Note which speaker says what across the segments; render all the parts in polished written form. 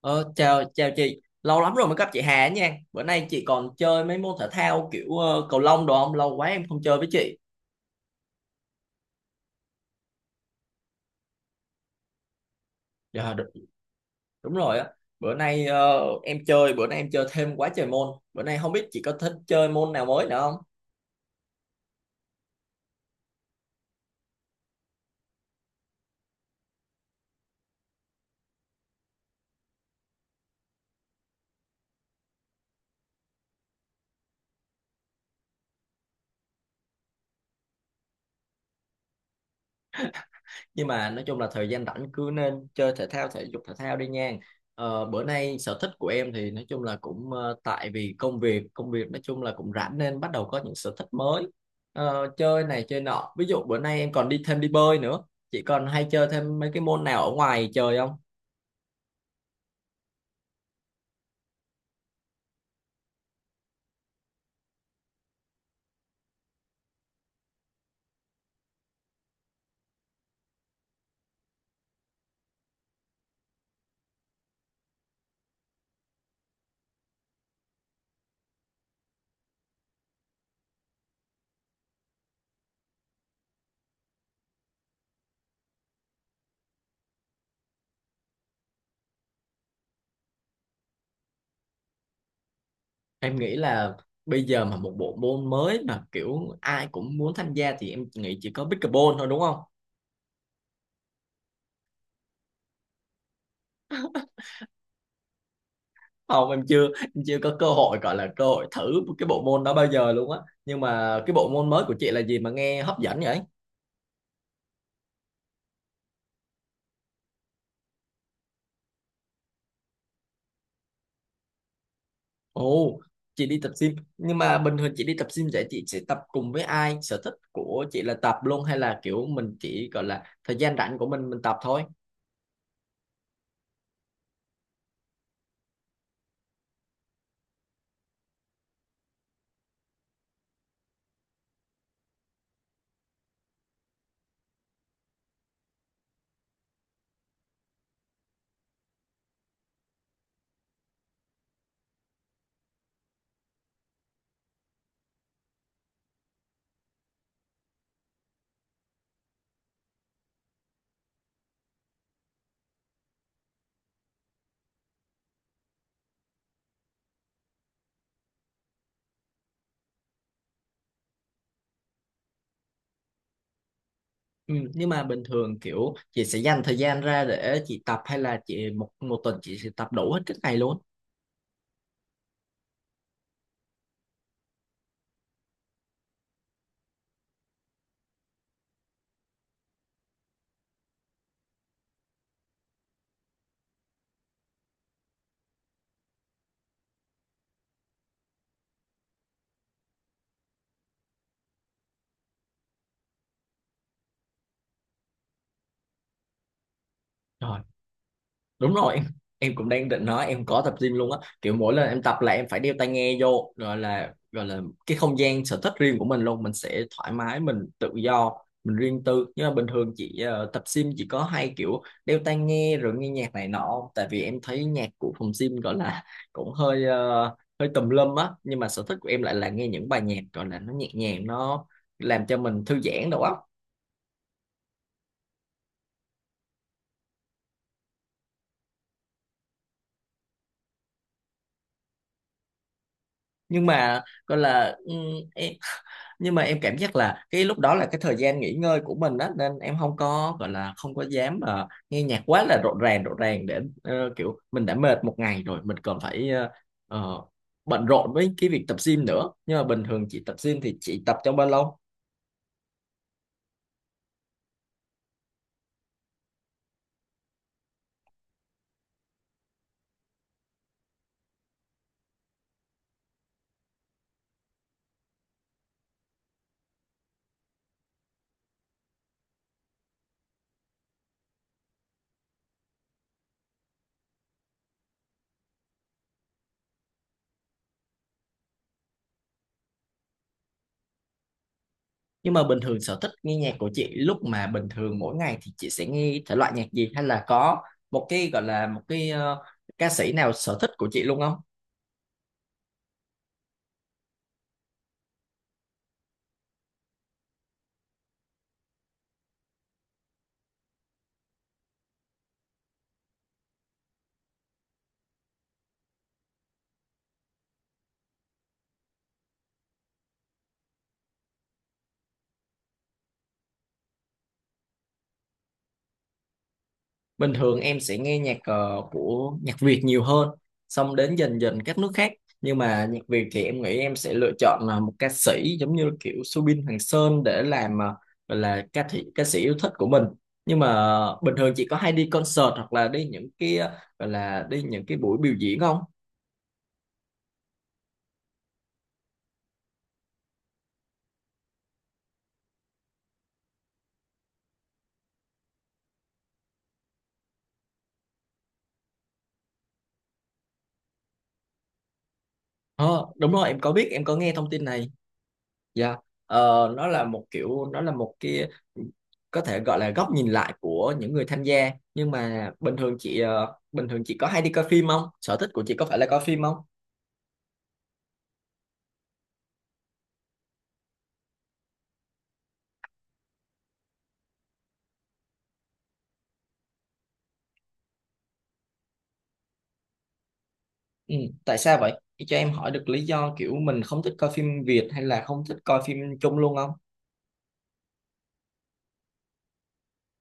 Speaker 1: Ờ, chào chào chị, lâu lắm rồi mới gặp chị Hà nha. Bữa nay chị còn chơi mấy môn thể thao kiểu cầu lông đồ không? Lâu quá em không chơi với chị. Dạ, đúng, đúng rồi á. Bữa nay em chơi thêm quá trời môn. Bữa nay không biết chị có thích chơi môn nào mới nữa không? Nhưng mà nói chung là thời gian rảnh cứ nên chơi thể thao, thể dục thể thao đi nha. Bữa nay sở thích của em thì nói chung là cũng tại vì công việc nói chung là cũng rảnh nên bắt đầu có những sở thích mới. Chơi này chơi nọ, ví dụ bữa nay em còn đi thêm đi bơi nữa. Chị còn hay chơi thêm mấy cái môn nào ở ngoài trời không? Em nghĩ là bây giờ mà một bộ môn mới mà kiểu ai cũng muốn tham gia thì em nghĩ chỉ có pickleball thôi, đúng không? Không, em chưa có cơ hội, gọi là cơ hội thử cái bộ môn đó bao giờ luôn á. Nhưng mà cái bộ môn mới của chị là gì mà nghe hấp dẫn vậy? Ồ, chị đi tập gym. Nhưng mà bình thường chị đi tập gym vậy chị sẽ tập cùng với ai? Sở thích của chị là tập luôn hay là kiểu mình chỉ gọi là thời gian rảnh của mình tập thôi? Ừ, nhưng mà bình thường kiểu chị sẽ dành thời gian ra để chị tập, hay là chị một một tuần chị sẽ tập đủ hết cái ngày luôn? Đúng rồi em. Em cũng đang định nói em có tập gym luôn á, kiểu mỗi lần em tập là em phải đeo tai nghe vô, gọi là cái không gian sở thích riêng của mình luôn, mình sẽ thoải mái, mình tự do, mình riêng tư. Nhưng mà bình thường chị tập gym chỉ có hay kiểu đeo tai nghe rồi nghe nhạc này nọ không? Tại vì em thấy nhạc của phòng gym gọi là cũng hơi hơi tùm lum á. Nhưng mà sở thích của em lại là nghe những bài nhạc gọi là nó nhẹ nhàng, nó làm cho mình thư giãn đầu óc. Nhưng mà gọi là ừ, em nhưng mà em cảm giác là cái lúc đó là cái thời gian nghỉ ngơi của mình á, nên em không có gọi là không có dám nghe nhạc quá là rộn ràng để kiểu mình đã mệt một ngày rồi mình còn phải ờ, bận rộn với cái việc tập gym nữa. Nhưng mà bình thường chị tập gym thì chị tập trong bao lâu? Nhưng mà bình thường sở thích nghe nhạc của chị lúc mà bình thường mỗi ngày thì chị sẽ nghe thể loại nhạc gì, hay là có một cái gọi là một cái ca sĩ nào sở thích của chị luôn không? Bình thường em sẽ nghe nhạc của nhạc Việt nhiều hơn, xong đến dần dần các nước khác. Nhưng mà nhạc Việt thì em nghĩ em sẽ lựa chọn là một ca sĩ giống như kiểu Subin Hoàng Sơn để làm gọi là ca sĩ yêu thích của mình. Nhưng mà bình thường chị có hay đi concert hoặc là đi những cái gọi là đi những cái buổi biểu diễn không? Ờ, đúng rồi, em có biết, em có nghe thông tin này. Dạ, ờ, nó là một kiểu, nó là một cái có thể gọi là góc nhìn lại của những người tham gia. Nhưng mà bình thường chị bình thường chị có hay đi coi phim không? Sở thích của chị có phải là coi phim không? Ừ, tại sao vậy chị? Cho em hỏi được lý do kiểu mình không thích coi phim Việt hay là không thích coi phim chung luôn không?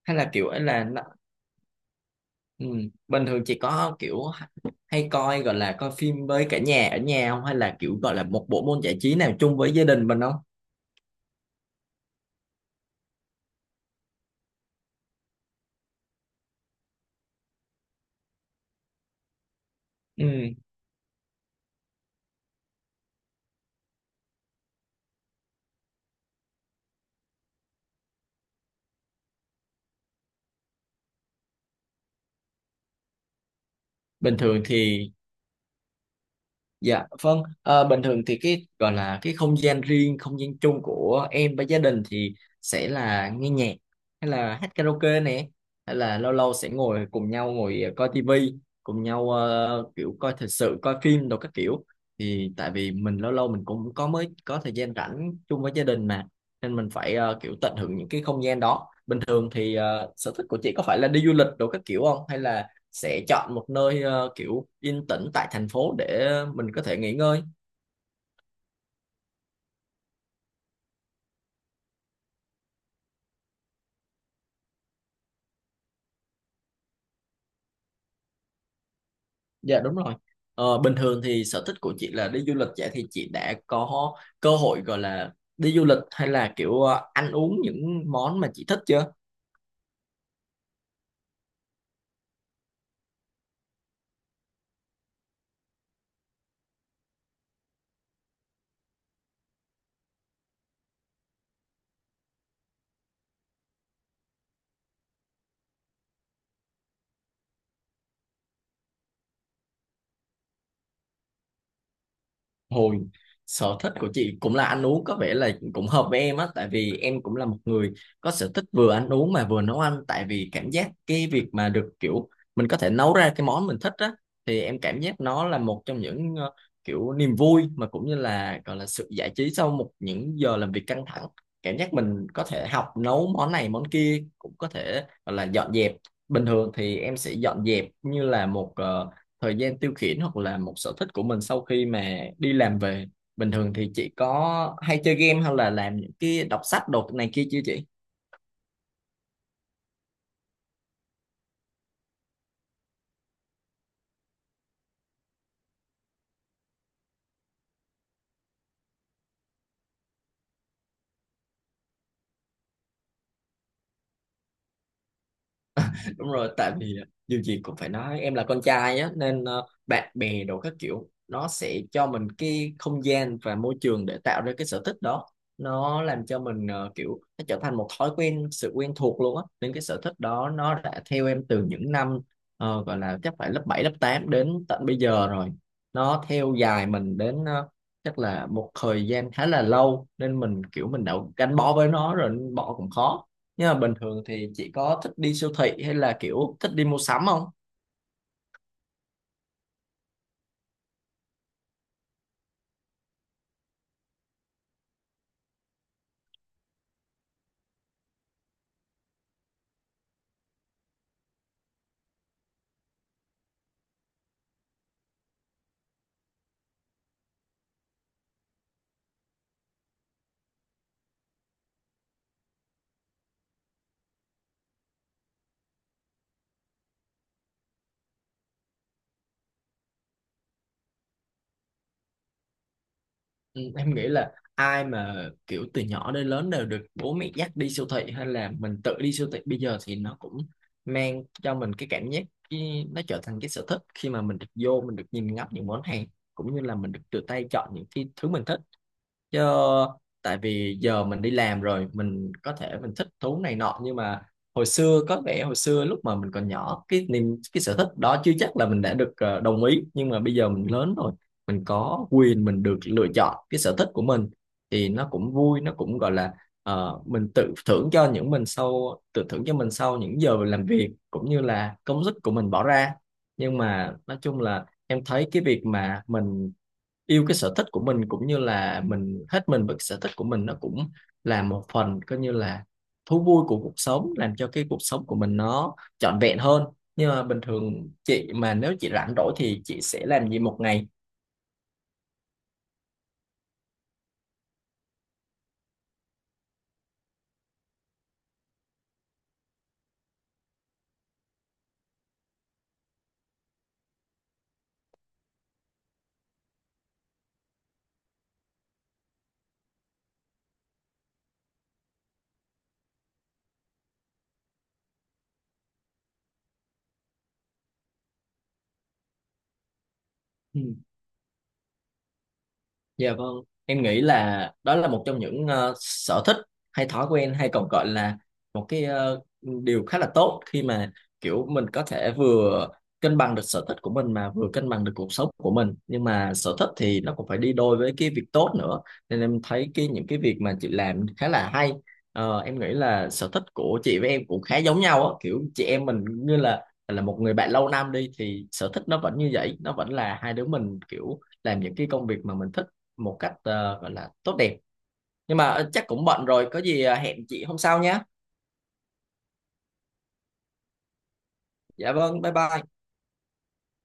Speaker 1: Hay là kiểu ấy là nó- ừ, bình thường chị có kiểu hay coi, gọi là coi phim với cả nhà ở nhà không? Hay là kiểu gọi là một bộ môn giải trí nào chung với gia đình mình không? Ừ, bình thường thì dạ vâng, ờ, bình thường thì cái gọi là cái không gian riêng, không gian chung của em với gia đình thì sẽ là nghe nhạc, hay là hát karaoke nè, hay là lâu lâu sẽ ngồi cùng nhau ngồi coi tivi, cùng nhau kiểu coi thời sự, coi phim đồ các kiểu. Thì tại vì mình lâu lâu mình cũng có mới có thời gian rảnh chung với gia đình mà, nên mình phải kiểu tận hưởng những cái không gian đó. Bình thường thì sở thích của chị có phải là đi du lịch đồ các kiểu không, hay là sẽ chọn một nơi kiểu yên tĩnh tại thành phố để mình có thể nghỉ ngơi. Dạ đúng rồi. Ờ, bình thường thì sở thích của chị là đi du lịch, vậy thì chị đã có cơ hội gọi là đi du lịch hay là kiểu ăn uống những món mà chị thích chưa? Hồi sở thích của chị cũng là ăn uống có vẻ là cũng hợp với em á, tại vì em cũng là một người có sở thích vừa ăn uống mà vừa nấu ăn. Tại vì cảm giác cái việc mà được kiểu mình có thể nấu ra cái món mình thích á, thì em cảm giác nó là một trong những kiểu niềm vui mà cũng như là gọi là sự giải trí sau một những giờ làm việc căng thẳng. Cảm giác mình có thể học nấu món này món kia, cũng có thể gọi là dọn dẹp. Bình thường thì em sẽ dọn dẹp như là một thời gian tiêu khiển hoặc là một sở thích của mình sau khi mà đi làm về. Bình thường thì chị có hay chơi game hay là làm những cái đọc sách đột này kia chưa chị? Đúng rồi, tại vì dù gì cũng phải nói em là con trai á, nên bạn bè đồ các kiểu nó sẽ cho mình cái không gian và môi trường để tạo ra cái sở thích đó. Nó làm cho mình kiểu nó trở thành một thói quen, sự quen thuộc luôn á, nên cái sở thích đó nó đã theo em từ những năm gọi là chắc phải lớp 7, lớp 8 đến tận bây giờ rồi. Nó theo dài mình đến chắc là một thời gian khá là lâu nên mình kiểu mình đã gắn bó với nó rồi nên bỏ cũng khó. Nhưng mà bình thường thì chị có thích đi siêu thị hay là kiểu thích đi mua sắm không? Ừ, em nghĩ là ai mà kiểu từ nhỏ đến lớn đều được bố mẹ dắt đi siêu thị hay là mình tự đi siêu thị bây giờ thì nó cũng mang cho mình cái cảm giác cái, nó trở thành cái sở thích khi mà mình được vô mình được nhìn ngắm những món hàng, cũng như là mình được tự tay chọn những cái thứ mình thích. Chứ tại vì giờ mình đi làm rồi mình có thể mình thích thú này nọ, nhưng mà hồi xưa có vẻ hồi xưa lúc mà mình còn nhỏ cái niềm cái sở thích đó chưa chắc là mình đã được đồng ý. Nhưng mà bây giờ mình lớn rồi mình có quyền mình được lựa chọn cái sở thích của mình, thì nó cũng vui, nó cũng gọi là mình tự thưởng cho những mình sau tự thưởng cho mình sau những giờ làm việc cũng như là công sức của mình bỏ ra. Nhưng mà nói chung là em thấy cái việc mà mình yêu cái sở thích của mình cũng như là mình hết mình với cái sở thích của mình, nó cũng là một phần coi như là thú vui của cuộc sống, làm cho cái cuộc sống của mình nó trọn vẹn hơn. Nhưng mà bình thường chị mà nếu chị rảnh rỗi thì chị sẽ làm gì một ngày? Ừ. Dạ vâng, em nghĩ là đó là một trong những sở thích hay thói quen hay còn gọi là một cái điều khá là tốt khi mà kiểu mình có thể vừa cân bằng được sở thích của mình mà vừa cân bằng được cuộc sống của mình. Nhưng mà sở thích thì nó cũng phải đi đôi với cái việc tốt nữa. Nên em thấy cái những cái việc mà chị làm khá là hay. Ờ, em nghĩ là sở thích của chị với em cũng khá giống nhau á, kiểu chị em mình như là một người bạn lâu năm đi thì sở thích nó vẫn như vậy, nó vẫn là hai đứa mình kiểu làm những cái công việc mà mình thích một cách gọi là tốt đẹp. Nhưng mà chắc cũng bận rồi, có gì hẹn chị hôm sau nhé. Dạ vâng, bye bye.